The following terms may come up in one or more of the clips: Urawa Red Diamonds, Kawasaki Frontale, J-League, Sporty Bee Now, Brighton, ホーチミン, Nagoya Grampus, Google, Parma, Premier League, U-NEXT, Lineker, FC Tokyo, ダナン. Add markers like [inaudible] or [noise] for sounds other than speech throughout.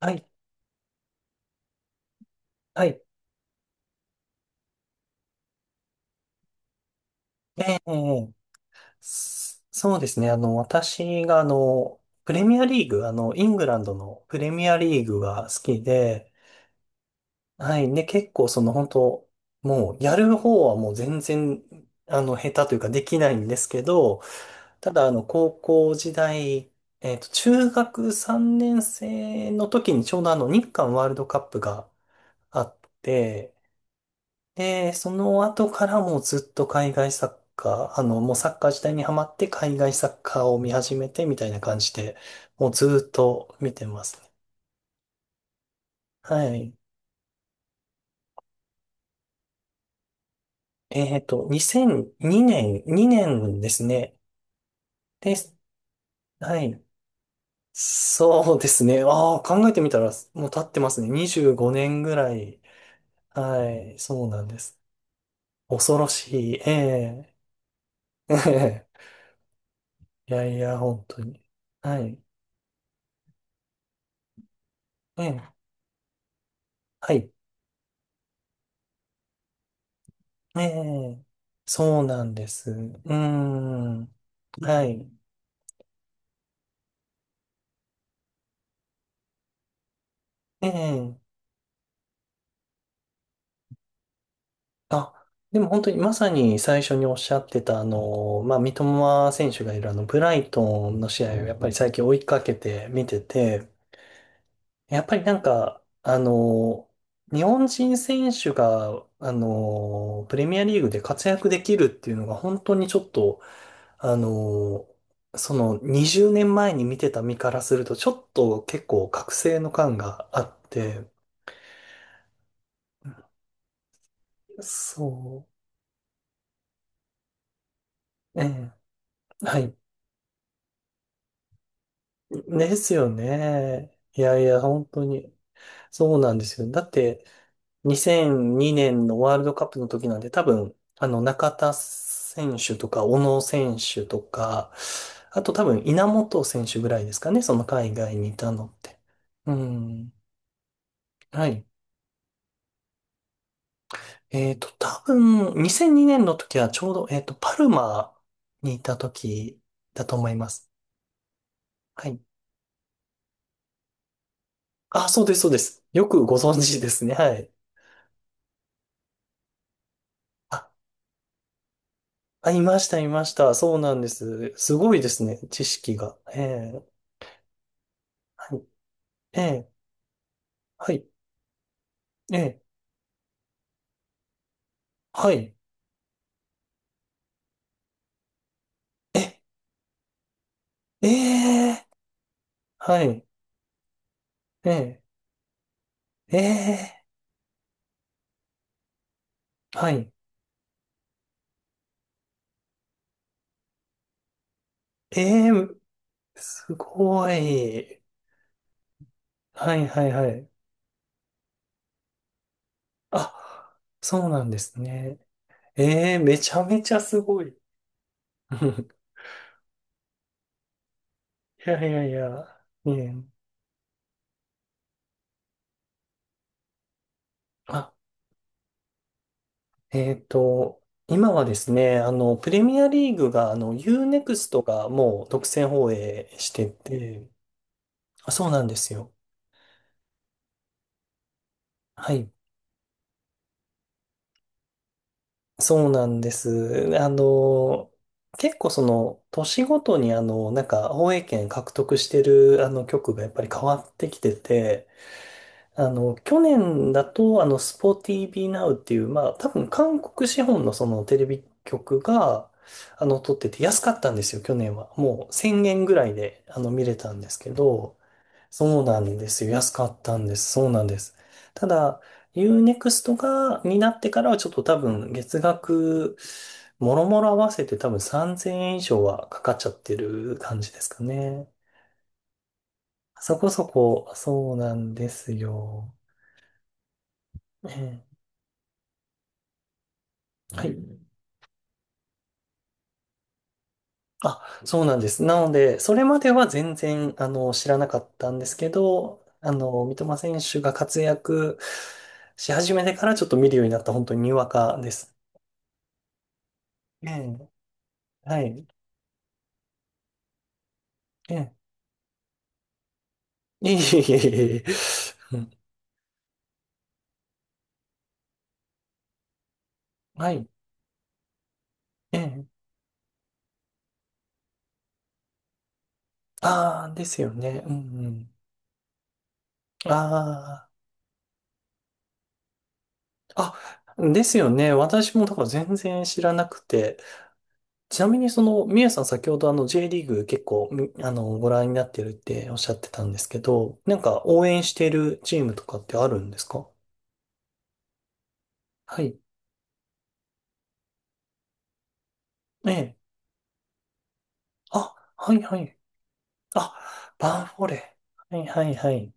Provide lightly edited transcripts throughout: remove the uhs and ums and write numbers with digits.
はい、はい、ええ、そうですね。私が、プレミアリーグ、イングランドのプレミアリーグが好きで、はい、で、結構、本当もう、やる方はもう全然、下手というか、できないんですけど、ただ、高校時代、中学3年生の時に、ちょうど、日韓ワールドカップがあって、で、その後からもうずっと海外サッカー、もうサッカー自体にハマって海外サッカーを見始めてみたいな感じで、もうずっと見てますね。はい。2002年、2年ですね。です。はい。そうですね。ああ、考えてみたら、もう経ってますね。25年ぐらい。はい。そうなんです。恐ろしい。ええ [laughs] いやいや、本当に。はい。ええはい。ええ、そうなんです。うーん。はい。ええ。あ、でも本当にまさに最初におっしゃってた、まあ、三笘選手がいるブライトンの試合をやっぱり最近追いかけて見てて、やっぱりなんか、日本人選手が、プレミアリーグで活躍できるっていうのが本当にちょっと、あのその20年前に見てた身からすると、ちょっと結構覚醒の感があって、そう、ええ、はい。ですよね。いやいや、本当に。そうなんですよ。だって、2002年のワールドカップの時なんで、多分、中田選手とか、小野選手とか、あと多分、稲本選手ぐらいですかね、その海外にいたのって。うん。はい。多分、2002年の時はちょうど、パルマにいた時だと思います。はい。あ、そうです、そうです。よくご存知ですね。はい。あ、あ、いました、いました。そうなんです。すごいですね、知識が。ええ、はい。ええ、はい。ええ、はい。え、ええ、はい。ええ、ええ、はい。ええ、すごい。はい、はい、はい。あ、そうなんですね。ええめちゃめちゃすごい。[laughs] いやいやいや。ねあ、今はですね、プレミアリーグが、U-NEXT がもう独占放映してて、あ、そうなんですよ。はい。そうなんです。あの、結構その、年ごとになんか、放映権獲得してる、局がやっぱり変わってきてて、去年だと、スポーティービーナウっていう、まあ、多分韓国資本のそのテレビ局が、撮ってて安かったんですよ、去年は。もう1000円ぐらいで、見れたんですけど、そうなんですよ。安かったんです。そうなんです。ただ、U-NEXT が、になってからはちょっと多分月額、もろもろ合わせて多分3000円以上はかかっちゃってる感じですかね。そこそこ、そうなんですよ。はい。あ、そうなんです。なので、それまでは全然、知らなかったんですけど、三笘選手が活躍し始めてからちょっと見るようになった本当ににわかです。ええ、はい。ええ、いえいえいえいえいえうんはい。ええ、ああ、ですよね。うんうん。ああ、あ、ですよね。私もだから全然知らなくて。ちなみにその、みやさん先ほどあの J リーグ結構み、ご覧になってるっておっしゃってたんですけど、なんか応援してるチームとかってあるんですか？はい。ええ。あ、はいはい。あ、バンフォーレ。はいはいはい。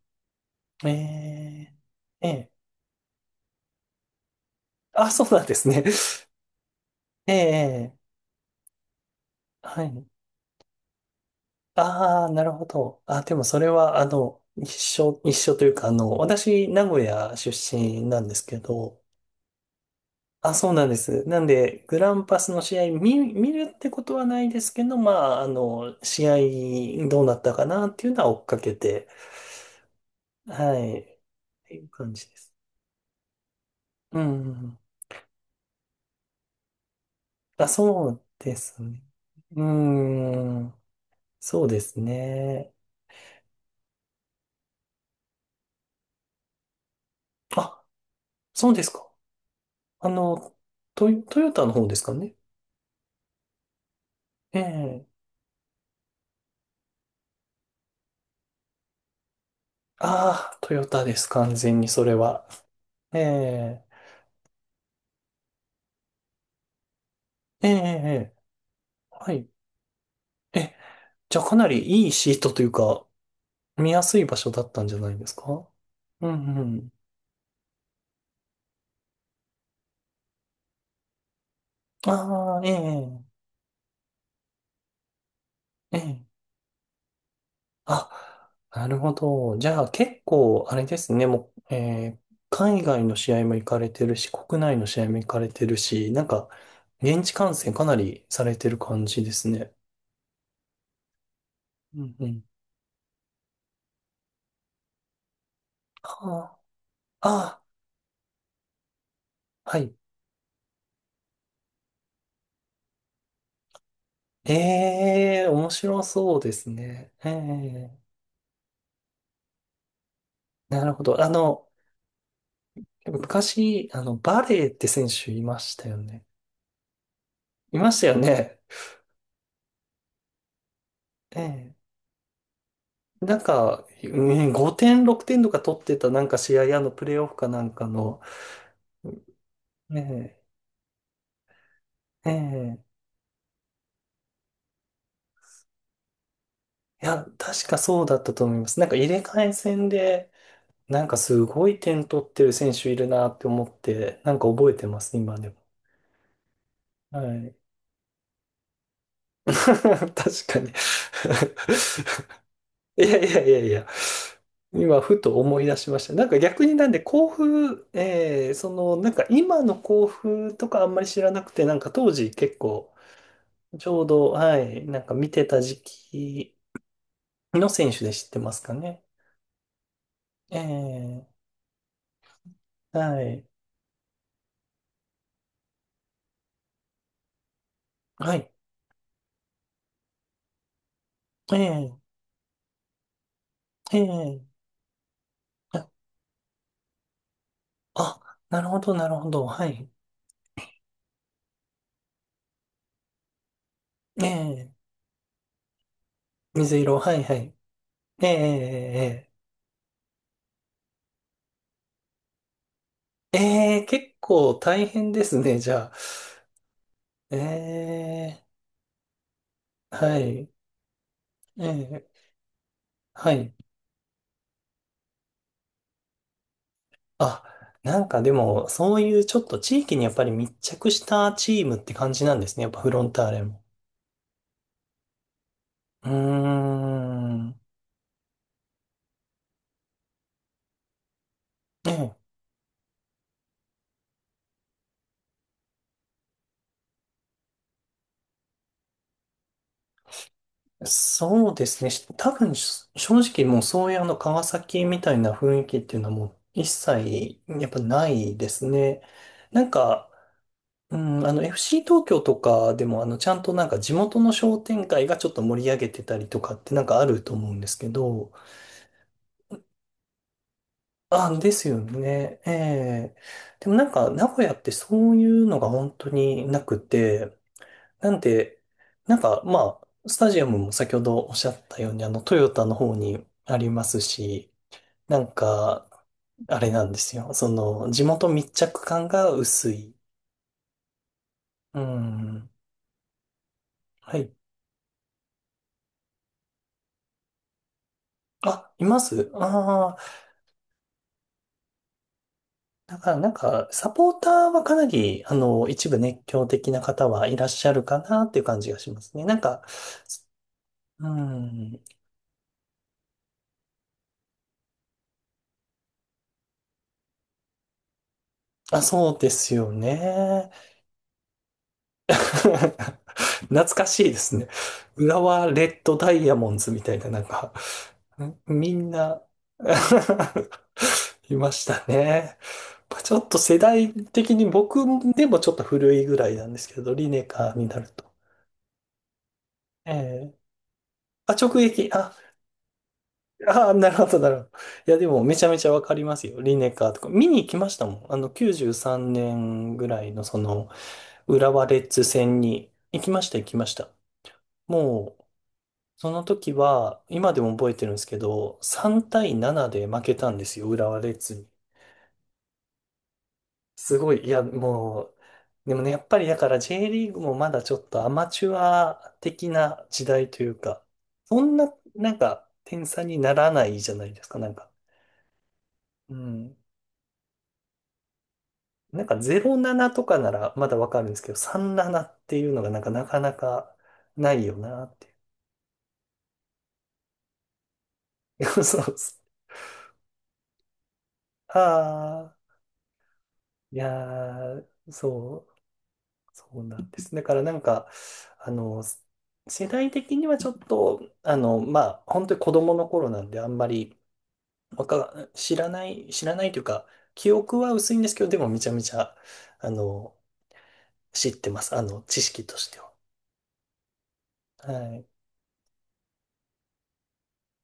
ええ。ええ。あ、そうなんですね。[laughs] ええ。ええはい。ああ、なるほど。あ、でもそれはあの、一緒、一緒というかあの、私、名古屋出身なんですけど、あ、そうなんです。なんで、グランパスの試合見、見るってことはないですけど、まあ、試合どうなったかなっていうのは追っかけて、はい、っていう感じです。うん。あ、そうですね。うん。そうですね。あ、そうですか。あの、トヨ、トヨタの方ですかね。ええ。ああ、トヨタです。完全にそれは。ええ。ええ、ええ、ええはい。え、じゃあかなりいいシートというか、見やすい場所だったんじゃないですか？うんうん。ああ、ええ、ええ。あ、なるほど。じゃあ結構、あれですね、もう、えー海外の試合も行かれてるし、国内の試合も行かれてるし、なんか、現地観戦かなりされてる感じですね。うんうん。ああ、ああ、はい。ええ、面白そうですね。ええ、なるほど。昔、バレーって選手いましたよね。いましたよね。ええ。なんか、うん、5点、6点とか取ってたなんか試合、プレイオフかなんかの、ええ、ええ。いや、確かそうだったと思います。なんか入れ替え戦で、なんかすごい点取ってる選手いるなって思って、なんか覚えてます、今でも。はい。[laughs] 確かに [laughs] いやいやいやいや。今、ふと思い出しました。なんか逆になんで、甲府、えー、その、なんか今の甲府とかあんまり知らなくて、なんか当時結構、ちょうど、はい、なんか見てた時期の選手で知ってますかね。ええ、はい、はい、ええ、ええ、あ、あなるほど、なるほど、はい、ええ、水色、はい、はい、ええ、ええ、ええ、ええ結構大変ですね、じゃあ。ええ、はい、ええ、はい、あ、なんかでも、そういうちょっと地域にやっぱり密着したチームって感じなんですね、やっぱフロンターレも。うーん。ええ、そうですね。し多分、し正直もうそういうあの川崎みたいな雰囲気っていうのはもう一切やっぱないですね。なんか、うん、FC 東京とかでもあのちゃんとなんか地元の商店街がちょっと盛り上げてたりとかってなんかあると思うんですけど、あ、ですよね。ええ。でもなんか名古屋ってそういうのが本当になくて、なんで、なんかまあ、スタジアムも先ほどおっしゃったように、トヨタの方にありますし、なんか、あれなんですよ。その、地元密着感が薄い。うん。はい。あ、いますああー、だからなんか、サポーターはかなり、一部熱狂的な方はいらっしゃるかなっていう感じがしますね。なんか、うん。あ、そうですよね。[laughs] 懐かしいですね。浦和レッドダイヤモンズみたいな、なんか、みんな [laughs] いましたね。ちょっと世代的に僕でもちょっと古いぐらいなんですけど、リネカーになると。ええあ、直撃。あ、あ、なるほど、なるほど。いや、でもめちゃめちゃわかりますよ。リネカーとか。見に行きましたもん。93年ぐらいのその、浦和レッズ戦に行きました、行きました。もその時は、今でも覚えてるんですけど、3対7で負けたんですよ、浦和レッズに。すごい、いや、もう、でもね、やっぱりだから J リーグもまだちょっとアマチュア的な時代というか、そんな、なんか、点差にならないじゃないですか、なんか。うん。なんか07とかならまだわかるんですけど、37っていうのがなんかなかなかないよなっていう。[laughs] そうそう。ああ、いやー、そう。そうなんです。だからなんか、あの、世代的にはちょっと、まあ、本当に子供の頃なんで、あんまりわか、知らない、知らないというか、記憶は薄いんですけど、でもめちゃめちゃ、あの、知ってます。あの、知識としては。はい。